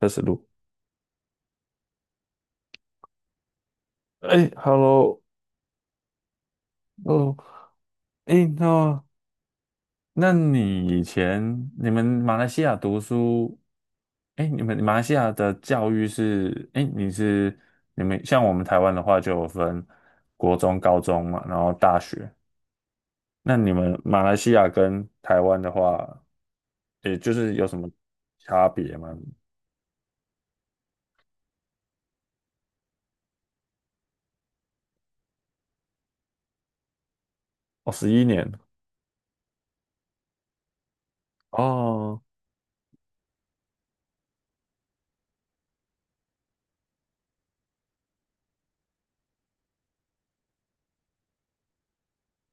开始录。哎，Hello。哦，哎，那你以前你们马来西亚读书，哎，你们马来西亚的教育是，哎，你们像我们台湾的话就有分国中、高中嘛，然后大学。那你们马来西亚跟台湾的话，也就是有什么差别吗？哦，十一年。哦。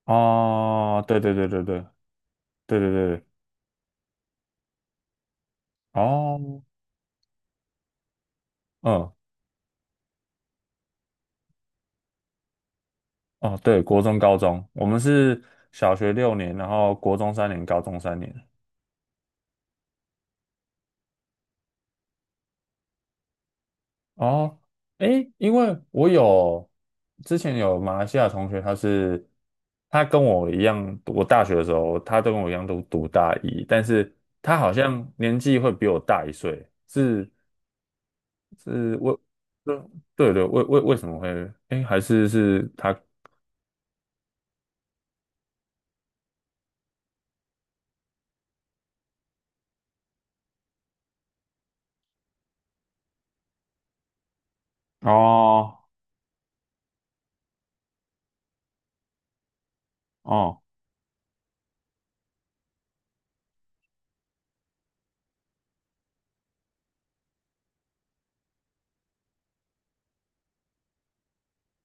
哦,对对对对对对对对对。哦。嗯。哦，对，国中、高中，我们是小学六年，然后国中三年，高中三年。哦，诶，因为之前有马来西亚同学，他跟我一样，我大学的时候，他都跟我一样都读大一，但是他好像年纪会比我大一岁，是是为对对对，为为为什么会？诶，还是是他哦哦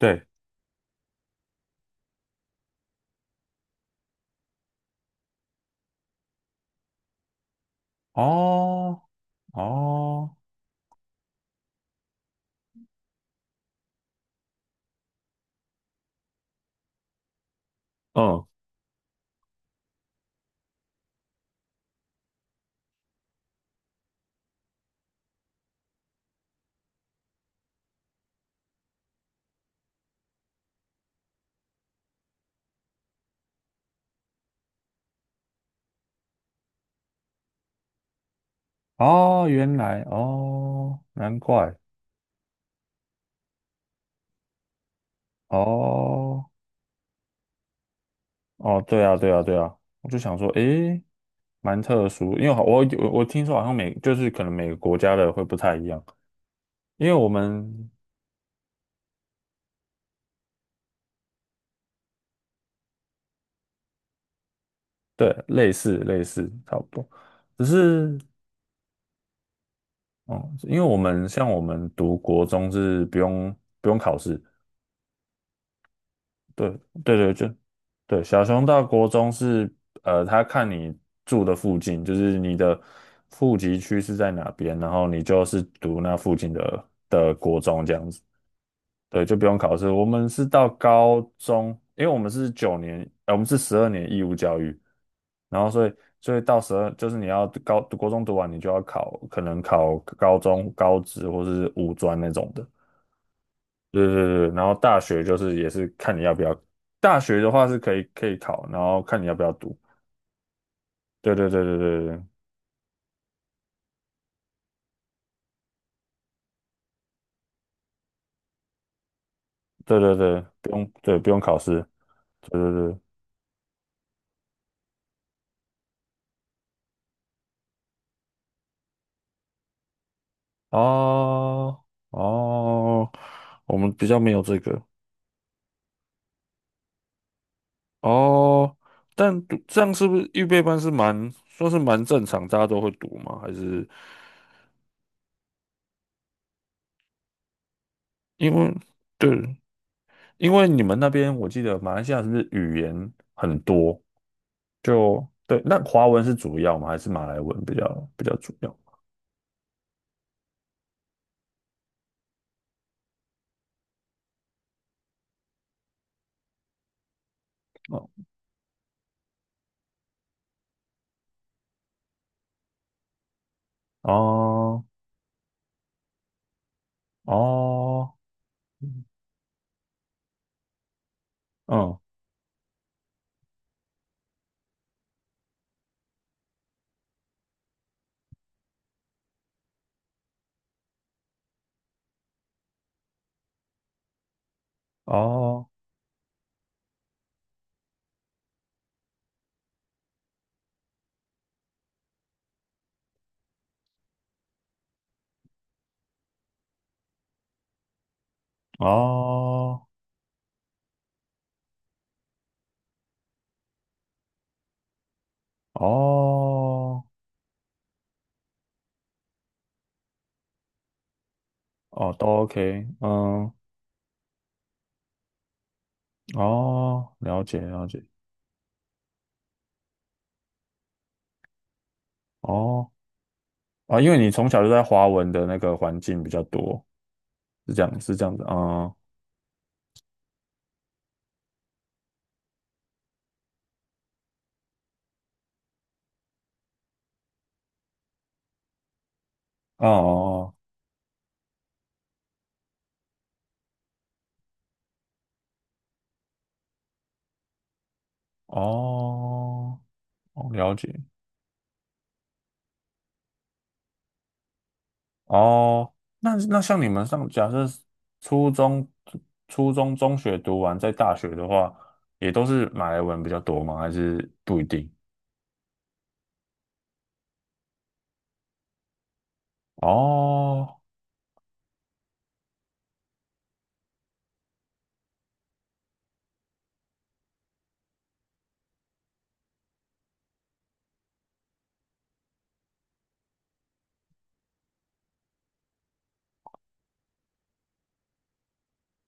对哦哦。嗯。哦，原来哦，难怪。哦哦，对啊，对啊，对啊，我就想说，诶，蛮特殊，因为我听说好像每就是可能每个国家的会不太一样，因为我们对类似类似差不多，只是哦，因为我们像我们读国中是不用考试。对对对，就对小熊到国中是，呃，他看你住的附近，就是你的户籍区是在哪边，然后你就是读那附近的国中这样子。对，就不用考试。我们是到高中，因为我们是九年，呃，我们是十二年义务教育，然后所以所以到十二，就是你要国中读完，你就要考，可能考高中、高职或是五专那种的。对对对，然后大学就是也是看你要不要，大学的话是可以考，然后看你要不要读。对对对对对对对对对，不用。对不用考试。对对对。哦。哦，我们比较没有这个。哦，但读这样预备班是蛮说是蛮正常，大家都会读吗？还是因为对，因为你们那边我记得马来西亚是不是语言很多？就对，那华文是主要吗？还是马来文比较主要？哦。哦。哦。嗯。嗯。哦哦哦哦，都 OK。嗯。哦，了解了解。哦，啊，因为你从小就在华文的那个环境比较多，是这样子。嗯。哦哦哦哦，了解。哦，那那像你们上，假设是初中、初中、中学读完，在大学的话，也都是马来文比较多吗？还是不一定？哦。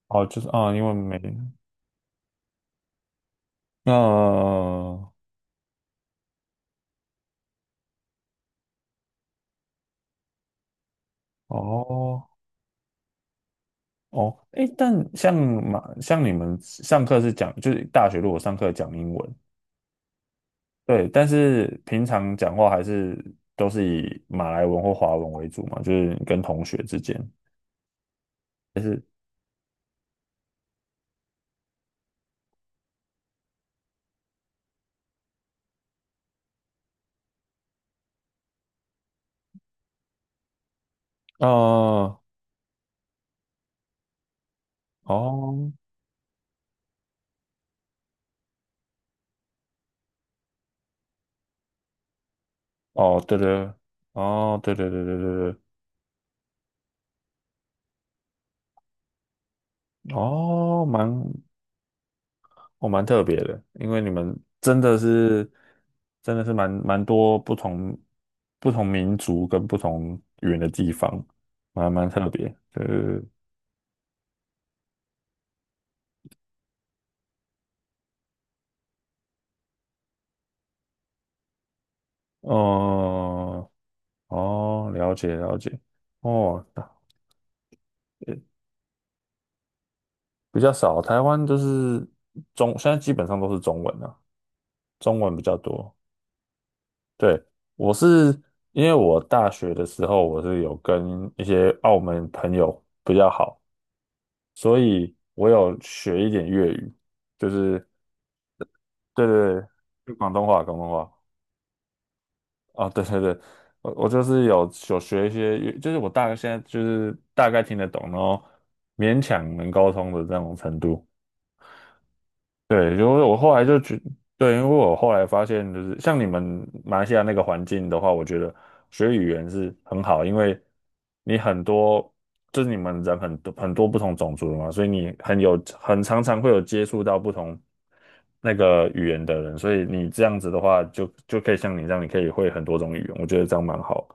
哦，就是啊、因为没，呃，哦。哦，诶，但像马，像你们上课是讲，就是大学如果上课讲英文。对，但是平常讲话还是都是以马来文或华文为主嘛，就是跟同学之间，还是，呃。哦。哦，对对。哦，对对对对对对。哦，蛮特别的，因为你们真的是，真的是蛮蛮多不同不同民族跟不同语言的地方，蛮蛮特别，对对对。哦。哦，了解了解。哦，那也比较少，台湾就是现在基本上都是中文啊，中文比较多。对，我是因为我大学的时候，我是有跟一些澳门朋友比较好，所以我有学一点粤语，就是对对对，就广东话，广东话。啊，对对对，我就是学一些粤，就是我大概现在就是大概听得懂，然后勉强能沟通的这种程度。对，因为我后来就觉，对，因为我后来发现，就是像你们马来西亚那个环境的话，我觉得学语言是很好，因为你很多你们人很多不同种族的嘛，所以你很有很常常会有接触到不同那个语言的人，所以你这样子的话就，就可以像你这样，你可以会很多种语言，我觉得这样蛮好。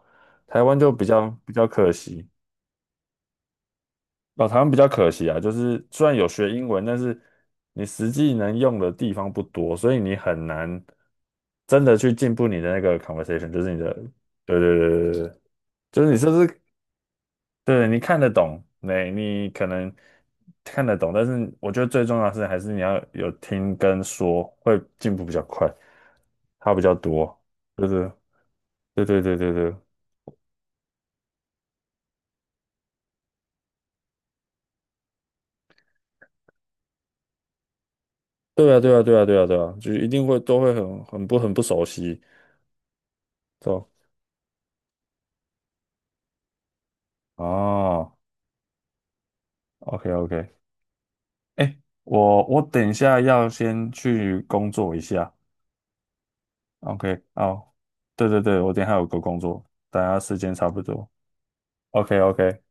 台湾就比较可惜。老台湾比较可惜啊，就是虽然有学英文，但是你实际能用的地方不多，所以你很难真的去进步你的那个 conversation,就是你的，对对对对对，就是你对，你看得懂，你可能看得懂，但是我觉得最重要的是还是你要有听跟说，会进步比较快，差比较多，就是对对对对对。对啊，对啊，对啊，对啊，对啊，就是一定会都会很不熟悉，对吧。哦，OK OK。哎，我等一下要先去工作一下。OK,好，对对对，我等一下有个工作，等一下时间差不多。OK OK。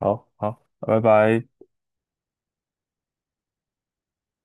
好好，拜拜。